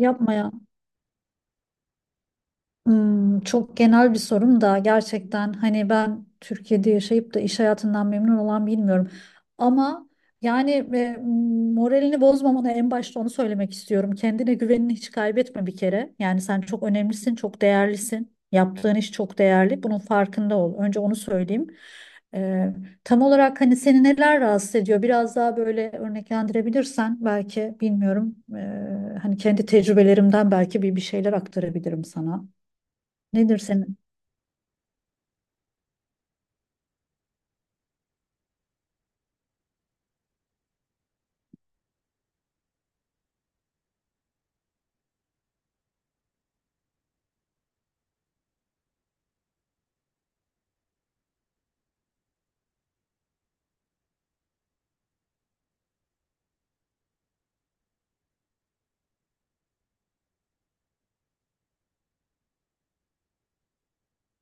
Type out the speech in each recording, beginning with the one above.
Yapma ya. Hmm, çok genel bir sorum da gerçekten hani ben Türkiye'de yaşayıp da iş hayatından memnun olan bilmiyorum. Ama yani e, moralini bozmamana en başta onu söylemek istiyorum. Kendine güvenini hiç kaybetme bir kere. Yani sen çok önemlisin, çok değerlisin. Yaptığın iş çok değerli. Bunun farkında ol. Önce onu söyleyeyim. E, Tam olarak hani seni neler rahatsız ediyor? Biraz daha böyle örneklendirebilirsen belki bilmiyorum. Hani kendi tecrübelerimden belki bir şeyler aktarabilirim sana. Nedir senin?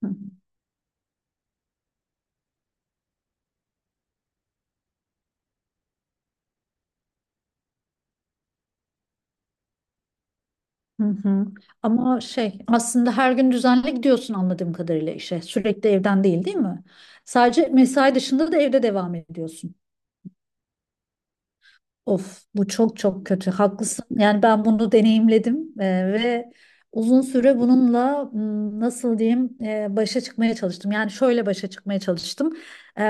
Hı hı. Hı. Ama şey aslında her gün düzenli gidiyorsun anladığım kadarıyla işe. Sürekli evden değil, değil mi? Sadece mesai dışında da evde devam ediyorsun. Of bu çok çok kötü. Haklısın. Yani ben bunu deneyimledim ve uzun süre bununla nasıl diyeyim, başa çıkmaya çalıştım. Yani şöyle başa çıkmaya çalıştım. E,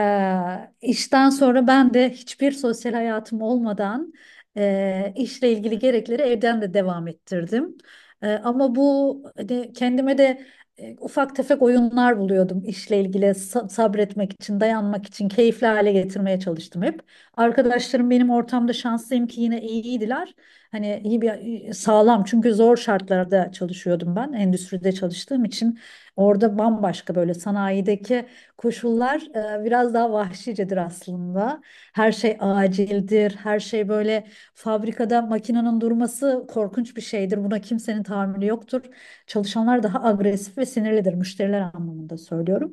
işten sonra ben de hiçbir sosyal hayatım olmadan, işle ilgili gerekleri evden de devam ettirdim. Ama bu hani kendime de ufak tefek oyunlar buluyordum işle ilgili sabretmek için, dayanmak için, keyifli hale getirmeye çalıştım hep. Arkadaşlarım benim ortamda şanslıyım ki yine iyiydiler. Hani iyi bir sağlam çünkü zor şartlarda çalışıyordum ben. Endüstride çalıştığım için orada bambaşka böyle sanayideki koşullar biraz daha vahşicedir aslında. Her şey acildir. Her şey böyle fabrikada makinenin durması korkunç bir şeydir. Buna kimsenin tahammülü yoktur. Çalışanlar daha agresif ve sinirlidir, müşteriler anlamında söylüyorum.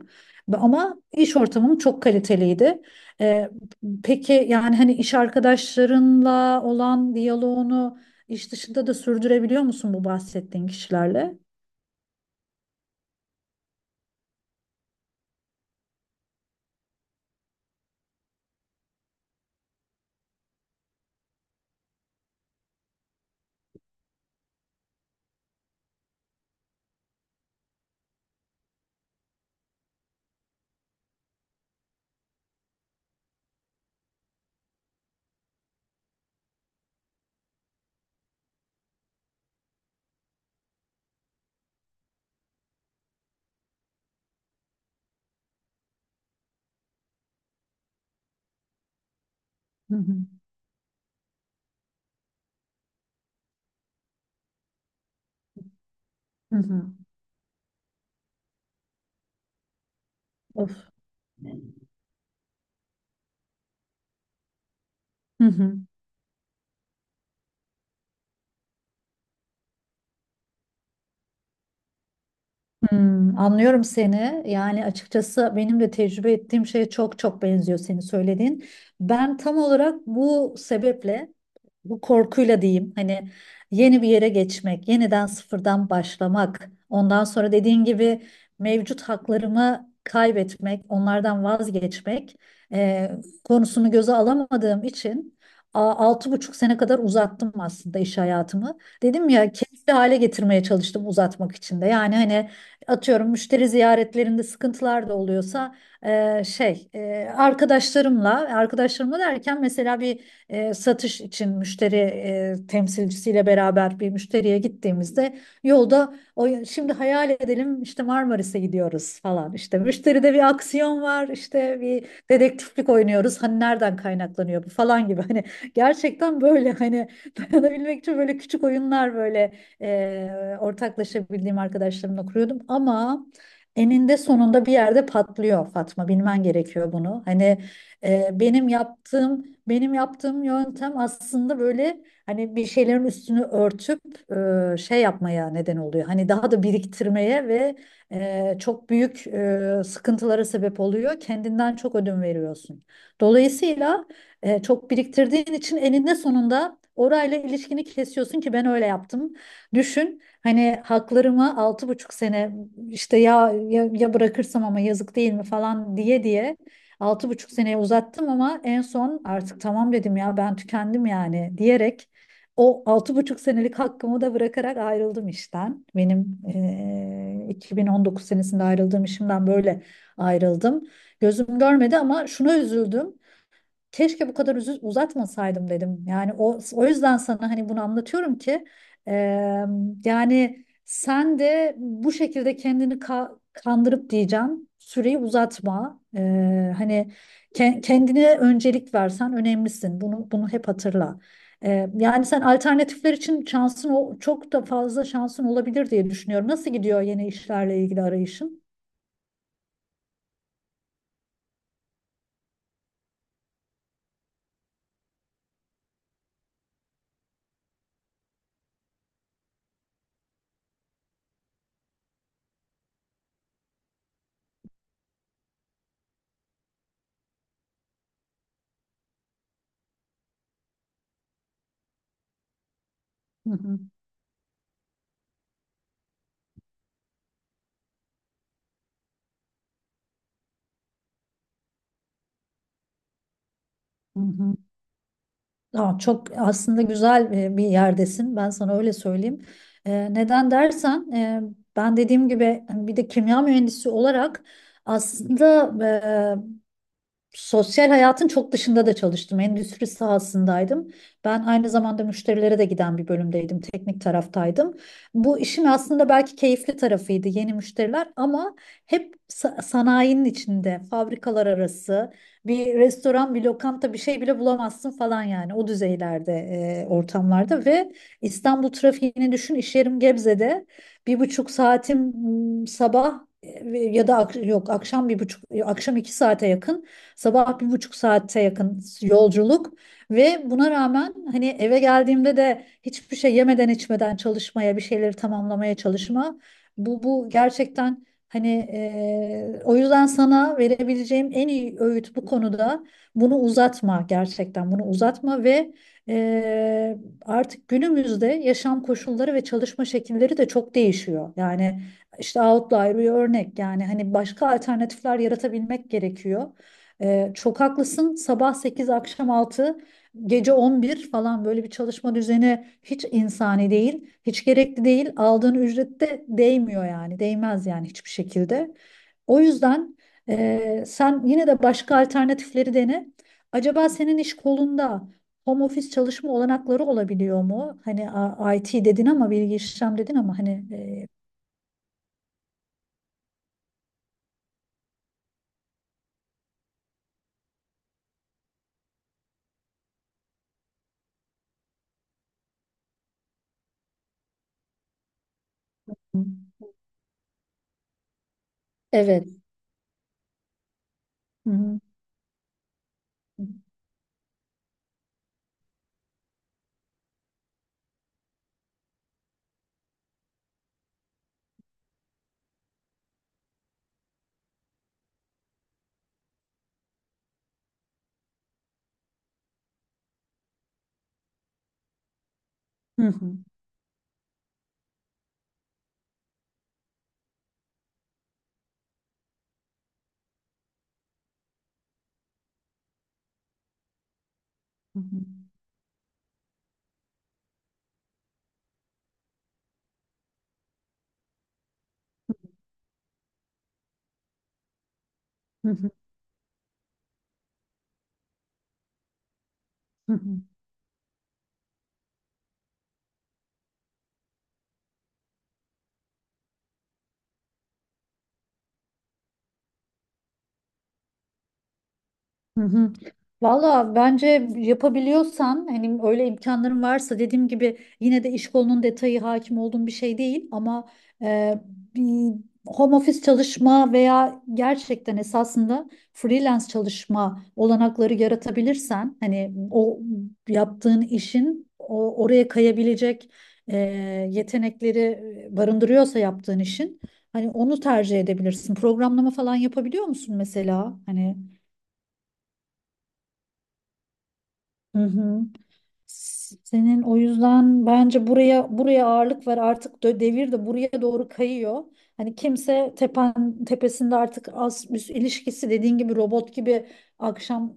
Ama iş ortamım çok kaliteliydi. Ee, Peki yani hani iş arkadaşlarınla olan diyaloğunu iş dışında da sürdürebiliyor musun bu bahsettiğin kişilerle? Hı hı. Hı hı. Of. Hı hı. Hmm, anlıyorum seni. Yani açıkçası benim de tecrübe ettiğim şeye çok çok benziyor senin söylediğin. Ben tam olarak bu sebeple, bu korkuyla diyeyim, hani yeni bir yere geçmek, yeniden sıfırdan başlamak, ondan sonra dediğin gibi mevcut haklarımı kaybetmek, onlardan vazgeçmek e, konusunu göze alamadığım için altı buçuk sene kadar uzattım aslında iş hayatımı. Dedim ya keyifli hale getirmeye çalıştım uzatmak için de. Yani hani atıyorum, müşteri ziyaretlerinde sıkıntılar da oluyorsa, arkadaşlarımla derken mesela bir satış için müşteri temsilcisiyle beraber bir müşteriye gittiğimizde yolda, o şimdi hayal edelim işte Marmaris'e gidiyoruz falan, işte müşteride bir aksiyon var, işte bir dedektiflik oynuyoruz hani nereden kaynaklanıyor bu falan gibi hani, gerçekten böyle hani dayanabilmek için böyle küçük oyunlar böyle ortaklaşabildiğim arkadaşlarımla kuruyordum ama eninde sonunda bir yerde patlıyor Fatma, bilmen gerekiyor bunu hani. E, benim yaptığım benim yaptığım yöntem aslında böyle hani bir şeylerin üstünü örtüp, şey yapmaya neden oluyor. Hani daha da biriktirmeye ve çok büyük sıkıntılara sebep oluyor. Kendinden çok ödün veriyorsun. Dolayısıyla, çok biriktirdiğin için eninde sonunda orayla ilişkini kesiyorsun ki ben öyle yaptım. Düşün hani haklarımı altı buçuk sene işte ya bırakırsam ama yazık değil mi falan diye diye altı buçuk seneye uzattım ama en son artık tamam dedim ya, ben tükendim yani diyerek o altı buçuk senelik hakkımı da bırakarak ayrıldım işten. Benim 2019 senesinde ayrıldığım işimden böyle ayrıldım. Gözüm görmedi ama şuna üzüldüm, keşke bu kadar uzatmasaydım dedim. Yani o o yüzden sana hani bunu anlatıyorum ki e, yani sen de bu şekilde kendini kandırıp diyeceğim süreyi uzatma. Hani kendine öncelik versen, önemlisin. Bunu hep hatırla. Yani sen, alternatifler için şansın, o çok da fazla şansın olabilir diye düşünüyorum. Nasıl gidiyor yeni işlerle ilgili arayışın? Hı hı, hı hı. Aa, çok aslında güzel bir yerdesin. Ben sana öyle söyleyeyim. Neden dersen, ben dediğim gibi hani bir de kimya mühendisi olarak aslında sosyal hayatın çok dışında da çalıştım. Endüstri sahasındaydım. Ben aynı zamanda müşterilere de giden bir bölümdeydim. Teknik taraftaydım. Bu işin aslında belki keyifli tarafıydı yeni müşteriler, ama hep sanayinin içinde, fabrikalar arası, bir restoran, bir lokanta, bir şey bile bulamazsın falan yani o düzeylerde, ortamlarda ve İstanbul trafiğini düşün. İş yerim Gebze'de. Bir buçuk saatim, sabah ya da yok akşam bir buçuk, akşam iki saate yakın, sabah bir buçuk saate yakın yolculuk ve buna rağmen hani eve geldiğimde de hiçbir şey yemeden içmeden çalışmaya, bir şeyleri tamamlamaya çalışma. Bu gerçekten hani, o yüzden sana verebileceğim en iyi öğüt bu konuda, bunu uzatma gerçekten, bunu uzatma ve e, artık günümüzde yaşam koşulları ve çalışma şekilleri de çok değişiyor. Yani işte outlier bir örnek, yani hani başka alternatifler yaratabilmek gerekiyor. Çok haklısın. Sabah 8, akşam 6, gece 11 falan, böyle bir çalışma düzeni hiç insani değil, hiç gerekli değil. Aldığın ücret de değmiyor yani, değmez yani hiçbir şekilde. O yüzden sen yine de başka alternatifleri dene. Acaba senin iş kolunda home office çalışma olanakları olabiliyor mu? Hani IT dedin, ama bilgi işlem dedin ama hani e, evet. Hı hı. Hı hı. Hı hı. Hı hı. Hı hı. Hı hı. Valla bence yapabiliyorsan, hani öyle imkanların varsa, dediğim gibi yine de iş kolunun detayı hakim olduğum bir şey değil ama e, bir home office çalışma veya gerçekten esasında freelance çalışma olanakları yaratabilirsen, hani o yaptığın işin o oraya kayabilecek e, yetenekleri barındırıyorsa yaptığın işin, hani onu tercih edebilirsin. Programlama falan yapabiliyor musun mesela? Hani Hı hı. Senin o yüzden bence buraya ağırlık ver artık, devir de buraya doğru kayıyor. Hani kimse tepen tepesinde artık, az üst ilişkisi dediğin gibi robot gibi akşam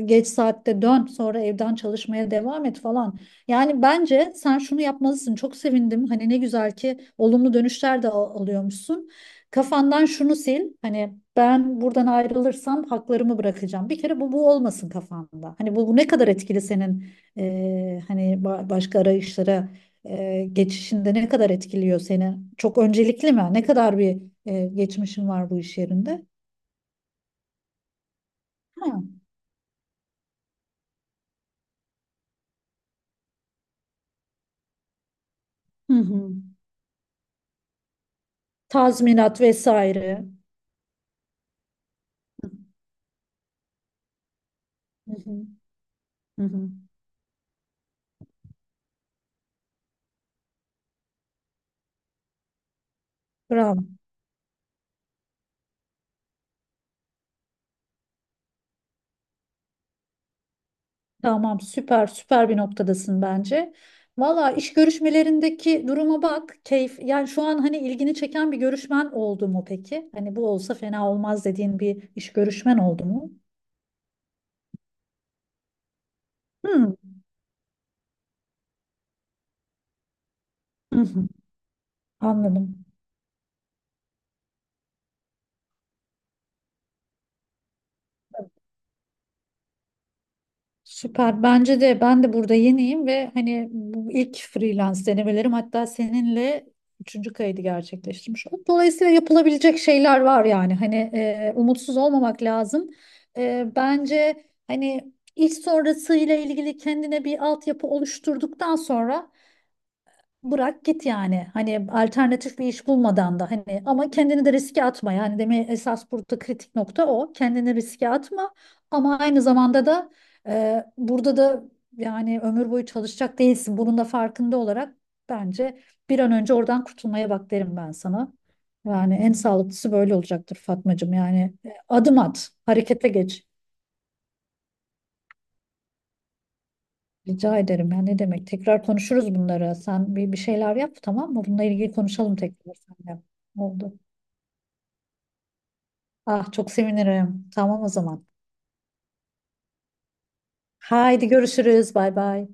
e, geç saatte dön, sonra evden çalışmaya devam et falan. Yani bence sen şunu yapmalısın. Çok sevindim. Hani ne güzel ki olumlu dönüşler de alıyormuşsun. Kafandan şunu sil. Hani ben buradan ayrılırsam haklarımı bırakacağım. Bir kere bu olmasın kafanda. Hani bu ne kadar etkili senin. Hani başka arayışlara geçişinde ne kadar etkiliyor seni? Çok öncelikli mi? Ne kadar bir geçmişin var bu iş yerinde? Ha. Hı hı. Tazminat vesaire. Hı hı. Hı hı. Bravo. Tamam, süper bir noktadasın bence. Valla iş görüşmelerindeki duruma bak. Keyif, yani şu an hani ilgini çeken bir görüşmen oldu mu peki? Hani bu olsa fena olmaz dediğin bir iş görüşmen oldu mu? Hmm. Hı hı. Anladım. Süper. Bence de, ben de burada yeniyim ve hani bu ilk freelance denemelerim, hatta seninle üçüncü kaydı gerçekleştirmiş oldum. Dolayısıyla yapılabilecek şeyler var yani. Hani umutsuz olmamak lazım. Bence hani iş sonrası ile ilgili kendine bir altyapı oluşturduktan sonra bırak git yani. Hani alternatif bir iş bulmadan da hani, ama kendini de riske atma. Yani deme, esas burada kritik nokta o. Kendini riske atma, ama aynı zamanda da burada da yani ömür boyu çalışacak değilsin. Bunun da farkında olarak bence bir an önce oradan kurtulmaya bak derim ben sana. Yani en sağlıklısı böyle olacaktır Fatmacığım. Yani adım at, harekete geç. Rica ederim. Ya ne demek? Tekrar konuşuruz bunları. Sen bir şeyler yap, tamam mı? Bununla ilgili konuşalım tekrar seninle. Oldu. Ah çok sevinirim. Tamam o zaman. Haydi görüşürüz. Bay bay.